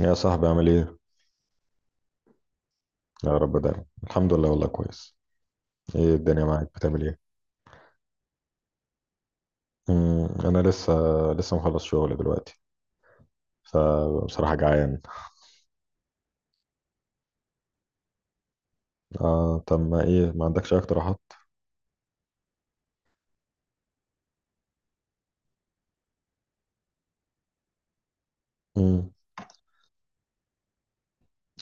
يا صاحبي عامل ايه؟ يا رب دايما، الحمد لله والله كويس. ايه الدنيا معاك بتعمل ايه؟ انا لسه مخلص شغل دلوقتي، فبصراحة جعان. آه، طب ما ايه، ما عندكش اي اقتراحات؟ مم،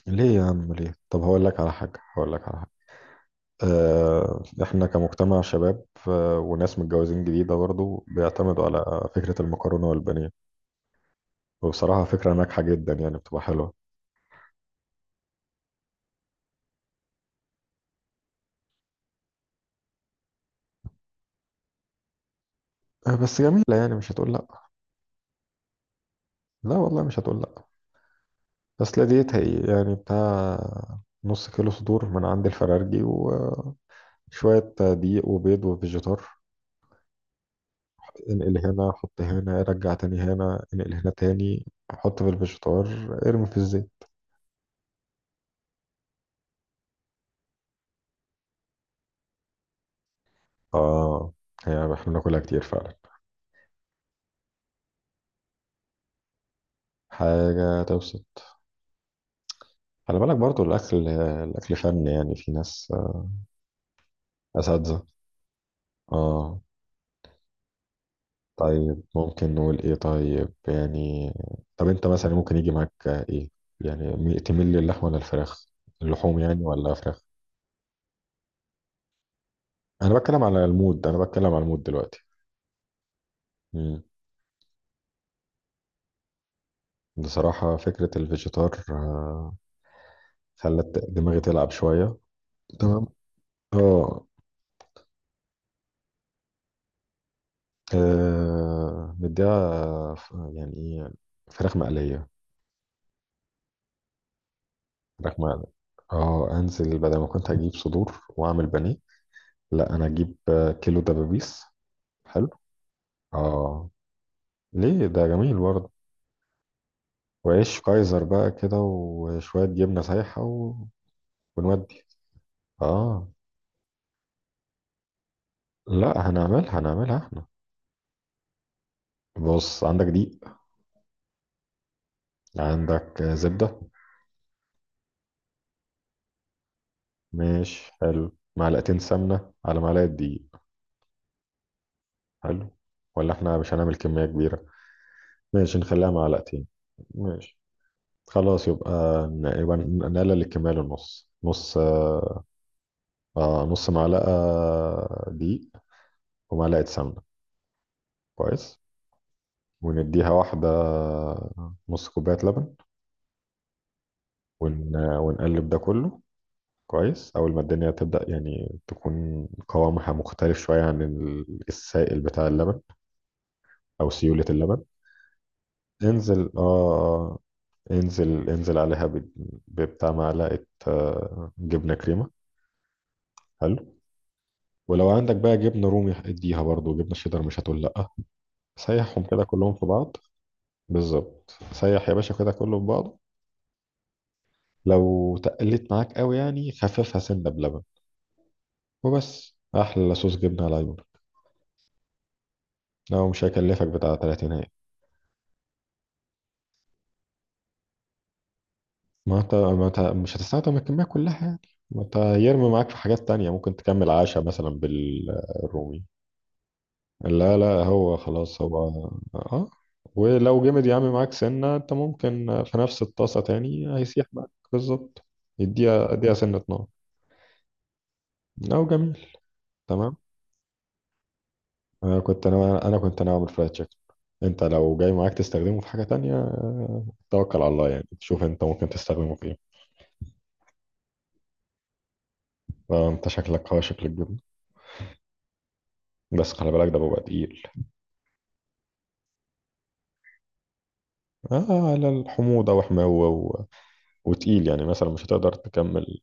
ليه يا عم ليه؟ طب هقول لك على حاجة، هقول لك على حاجة. آه، احنا كمجتمع شباب وناس متجوزين جديدة برضه بيعتمدوا على فكرة المكرونة والبانيه. وبصراحة فكرة ناجحة جدا، يعني بتبقى حلوة. آه بس جميلة، يعني مش هتقول لا. لا والله، مش هتقول لا. بس لا، ديت هي يعني بتاع نص كيلو صدور من عند الفرارجي وشوية دقيق وبيض وفيجيتار. انقل هنا، حط هنا، رجع تاني هنا، انقل هنا تاني. حط في الفيجيتار، ارمي في الزيت. اه، هي احنا بناكلها كتير فعلا. حاجة تبسط. خلي بالك برضو، الأكل فن، يعني في ناس أساتذة. اه، طيب ممكن نقول ايه طيب يعني. طب انت مثلا، ممكن يجي معاك ايه؟ يعني تميل للحم ولا الفراخ، اللحوم يعني ولا فراخ؟ انا بتكلم على المود، انا بتكلم على المود دلوقتي. مم. بصراحة فكرة الفيجيتار خلت دماغي تلعب شوية. تمام. اه. مديها يعني ايه، فراخ مقلية. فراخ مقلية. اه، انزل بدل ما كنت هجيب صدور واعمل بانيه، لا انا اجيب كيلو دبابيس. حلو. اه، ليه، ده جميل برضه. وعيش كايزر بقى كده وشوية جبنة سايحة ونودي. اه. لا، هنعملها احنا. بص عندك دقيق، عندك زبدة. ماشي حلو. معلقتين سمنة على معلقة دقيق. حلو. ولا احنا مش هنعمل كمية كبيرة، ماشي نخليها معلقتين. ماشي، خلاص يبقى، يبقى نقلل الكمية للنص نص. نص معلقة دقيق ومعلقة سمنة. كويس. ونديها واحدة، نص كوباية لبن. ونقلب ده كله. كويس، أول ما الدنيا تبدأ يعني تكون قوامها مختلف شوية عن السائل بتاع اللبن، أو سيولة اللبن. انزل، انزل انزل عليها ببتاع معلقة جبنة كريمة. حلو. ولو عندك بقى جبنة رومي اديها، برضو جبنة شيدر مش هتقول لأ. سيحهم كده كلهم في بعض. بالظبط، سيح يا باشا كده كله في بعضه. لو تقلت معاك قوي يعني، خففها سنة بلبن. وبس، احلى صوص جبنه على عيونك. لو مش هيكلفك بتاع 30. ما انت مش هتستخدم الكميه كلها يعني، ما انت هيرمي معاك في حاجات تانية، ممكن تكمل عشاء مثلا بالرومي. لا لا، هو خلاص هو. اه. ولو جمد يا عم معاك سنه، انت ممكن في نفس الطاسه تاني هيسيح معاك بالظبط. اديها سنه نار. لو جميل. تمام. انا كنت اعمل فرايد تشيكن. انت لو جاي معاك تستخدمه في حاجه تانية توكل على الله يعني، شوف انت ممكن تستخدمه في. انت شكلك جبن. بس خلي بالك، ده بيبقى تقيل. اه، على الحموضه وحماوه وتقيل، يعني مثلا مش هتقدر تكمل.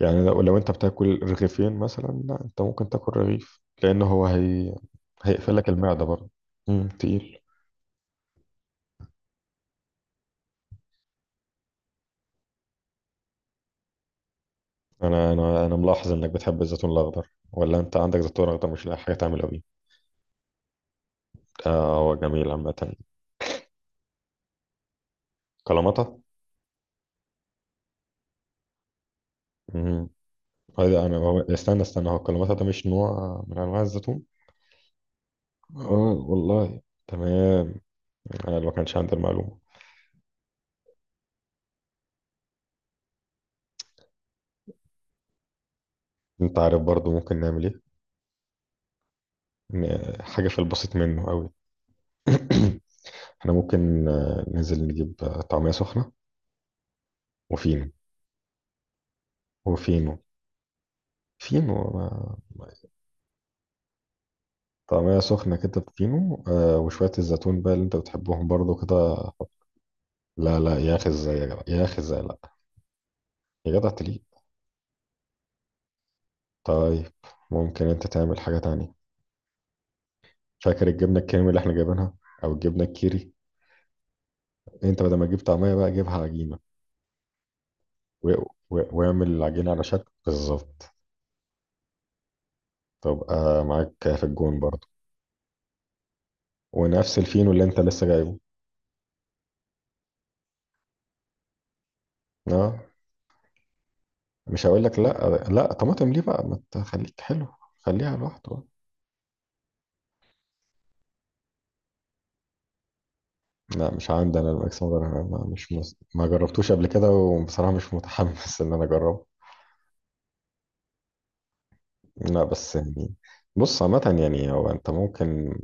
يعني لو انت بتاكل رغيفين مثلا، لا انت ممكن تاكل رغيف، لان هي هيقفل لك المعده برضه. تقيل. انا ملاحظ انك بتحب الزيتون الاخضر، ولا انت عندك زيتون اخضر مش لاقي حاجه تعمله بيه؟ اه، هو جميل عامه. كلاماتا. امم هذا انا استنى استنى، هو الكلاماتا ده مش نوع من انواع الزيتون؟ اه، والله. تمام، انا اللي ما كانش عندي المعلومه. انت عارف برضو ممكن نعمل ايه؟ حاجه في البسيط منه قوي. احنا ممكن ننزل نجيب طعميه سخنه وفينو. وفينو، فينو طعميه سخنه كده بفينو وشويه الزيتون بقى اللي انت بتحبهم برضو كده. لا لا يا اخي، ازاي يا جدع، يا اخي ازاي، لا، يا جدع تليق. طيب، ممكن انت تعمل حاجه تانية. فاكر الجبنه الكريمي اللي احنا جايبينها، او الجبنه الكيري؟ انت بدل ما تجيب طعميه بقى جيبها عجينه، و- واعمل العجينه على شكل بالظبط، تبقى معاك في الجون برضه. ونفس الفينو اللي انت لسه جايبه. اه، مش هقول لك لا، لا طماطم ليه بقى، ما تخليك حلو. خليها لوحده بقى. لا، مش عندي انا الماكس موديل، انا ما- مش مس... ما جربتوش قبل كده، وبصراحة مش متحمس ان انا اجربه. لا بس يعني، بص عامة يعني هو، انت ممكن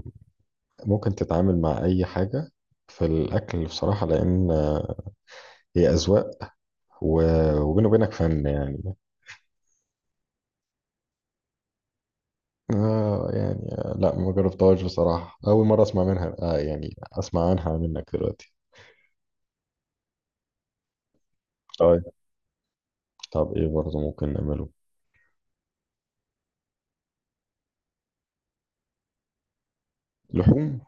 تتعامل مع اي حاجة في الاكل بصراحة، لان هي اذواق و... وبينه وبينك فن يعني. آه يعني، لا ما جربتهاش بصراحة، أول مرة أسمع منها آه يعني أسمع عنها منك دلوقتي. طيب. طب إيه برضه ممكن نعمله؟ لحوم.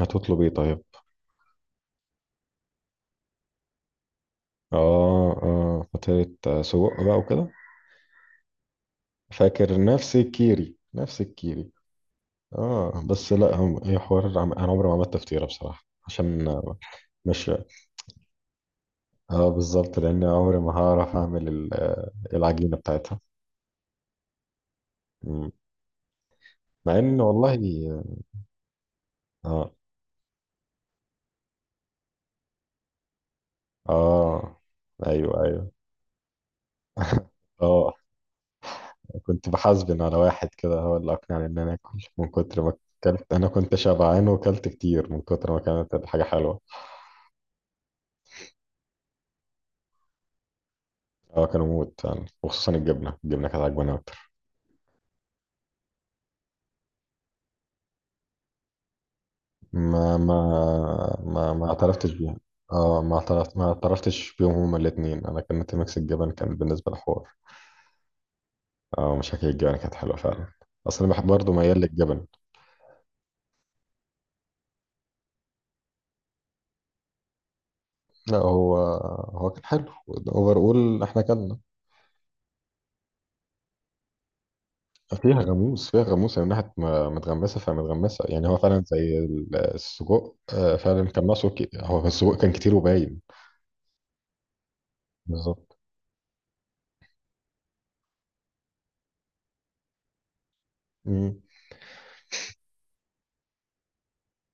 هتطلب إيه طيب؟ فترة سجق بقى وكده. فاكر نفس الكيري، نفس الكيري. آه بس لا، هي حوار، أنا عمري ما عملت تفطيرة بصراحة، عشان مش. اه بالظبط، لأن عمري ما هعرف أعمل العجينة بتاعتها. مم. مع إن والله. اه اه. ايوه ايوه. اه، كنت بحاسبن على واحد كده هو اللي أقنعني إن أنا آكل. من كتر ما أكلت، أنا كنت شبعان وأكلت كتير من كتر ما كانت الحاجة حلوة. أه، كانوا موت يعني، وخصوصا الجبنة كانت عجباني أكتر. ما اعترفتش بيها. اه، ما اعترفتش بيهم هما الاتنين. أنا كانت ميكس الجبن كان بالنسبة لحوار. اه، مش هكيك، الجبن كانت حلوة فعلا. أصل أنا بحب برضه، ميال للجبن. لا هو كان حلو أوفر. أول إحنا كنا فيها غموس، فيها غموس يعني، من ناحية متغمسة، فمتغمسة يعني، هو فعلا زي السجق، فعلا كان ناقصه هو السجق كان كتير وباين. بالظبط. مم.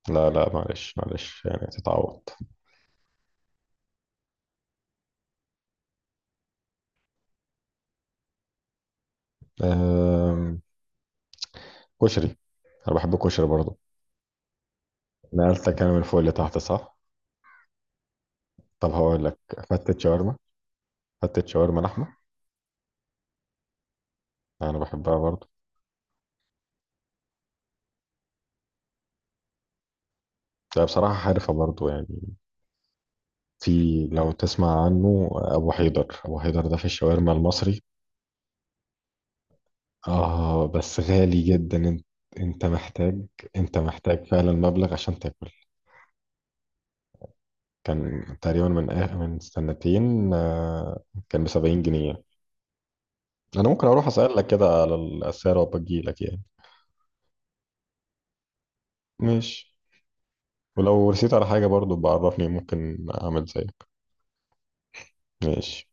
لا لا، معلش معلش يعني تتعوض. آم، كشري. أنا بحب الكشري برضه. نقلتك أنا من فوق لتحت، صح؟ طب هقول لك، فتة شاورما، فتة شاورما لحمة. أنا بحبها برضه. لا بصراحة حارفة برضه يعني. في، لو تسمع عنه، أبو حيدر، أبو حيدر ده في الشاورما المصري. اه بس غالي جدا انت، انت محتاج انت محتاج فعلا مبلغ عشان تاكل. كان تقريبا من سنتين، كان ب 70 جنيه. انا ممكن اروح اسالك كده على الاسعار وابجي لك يعني. ماشي. ولو رسيت على حاجه برضو بعرفني، ممكن اعمل زيك. ماشي.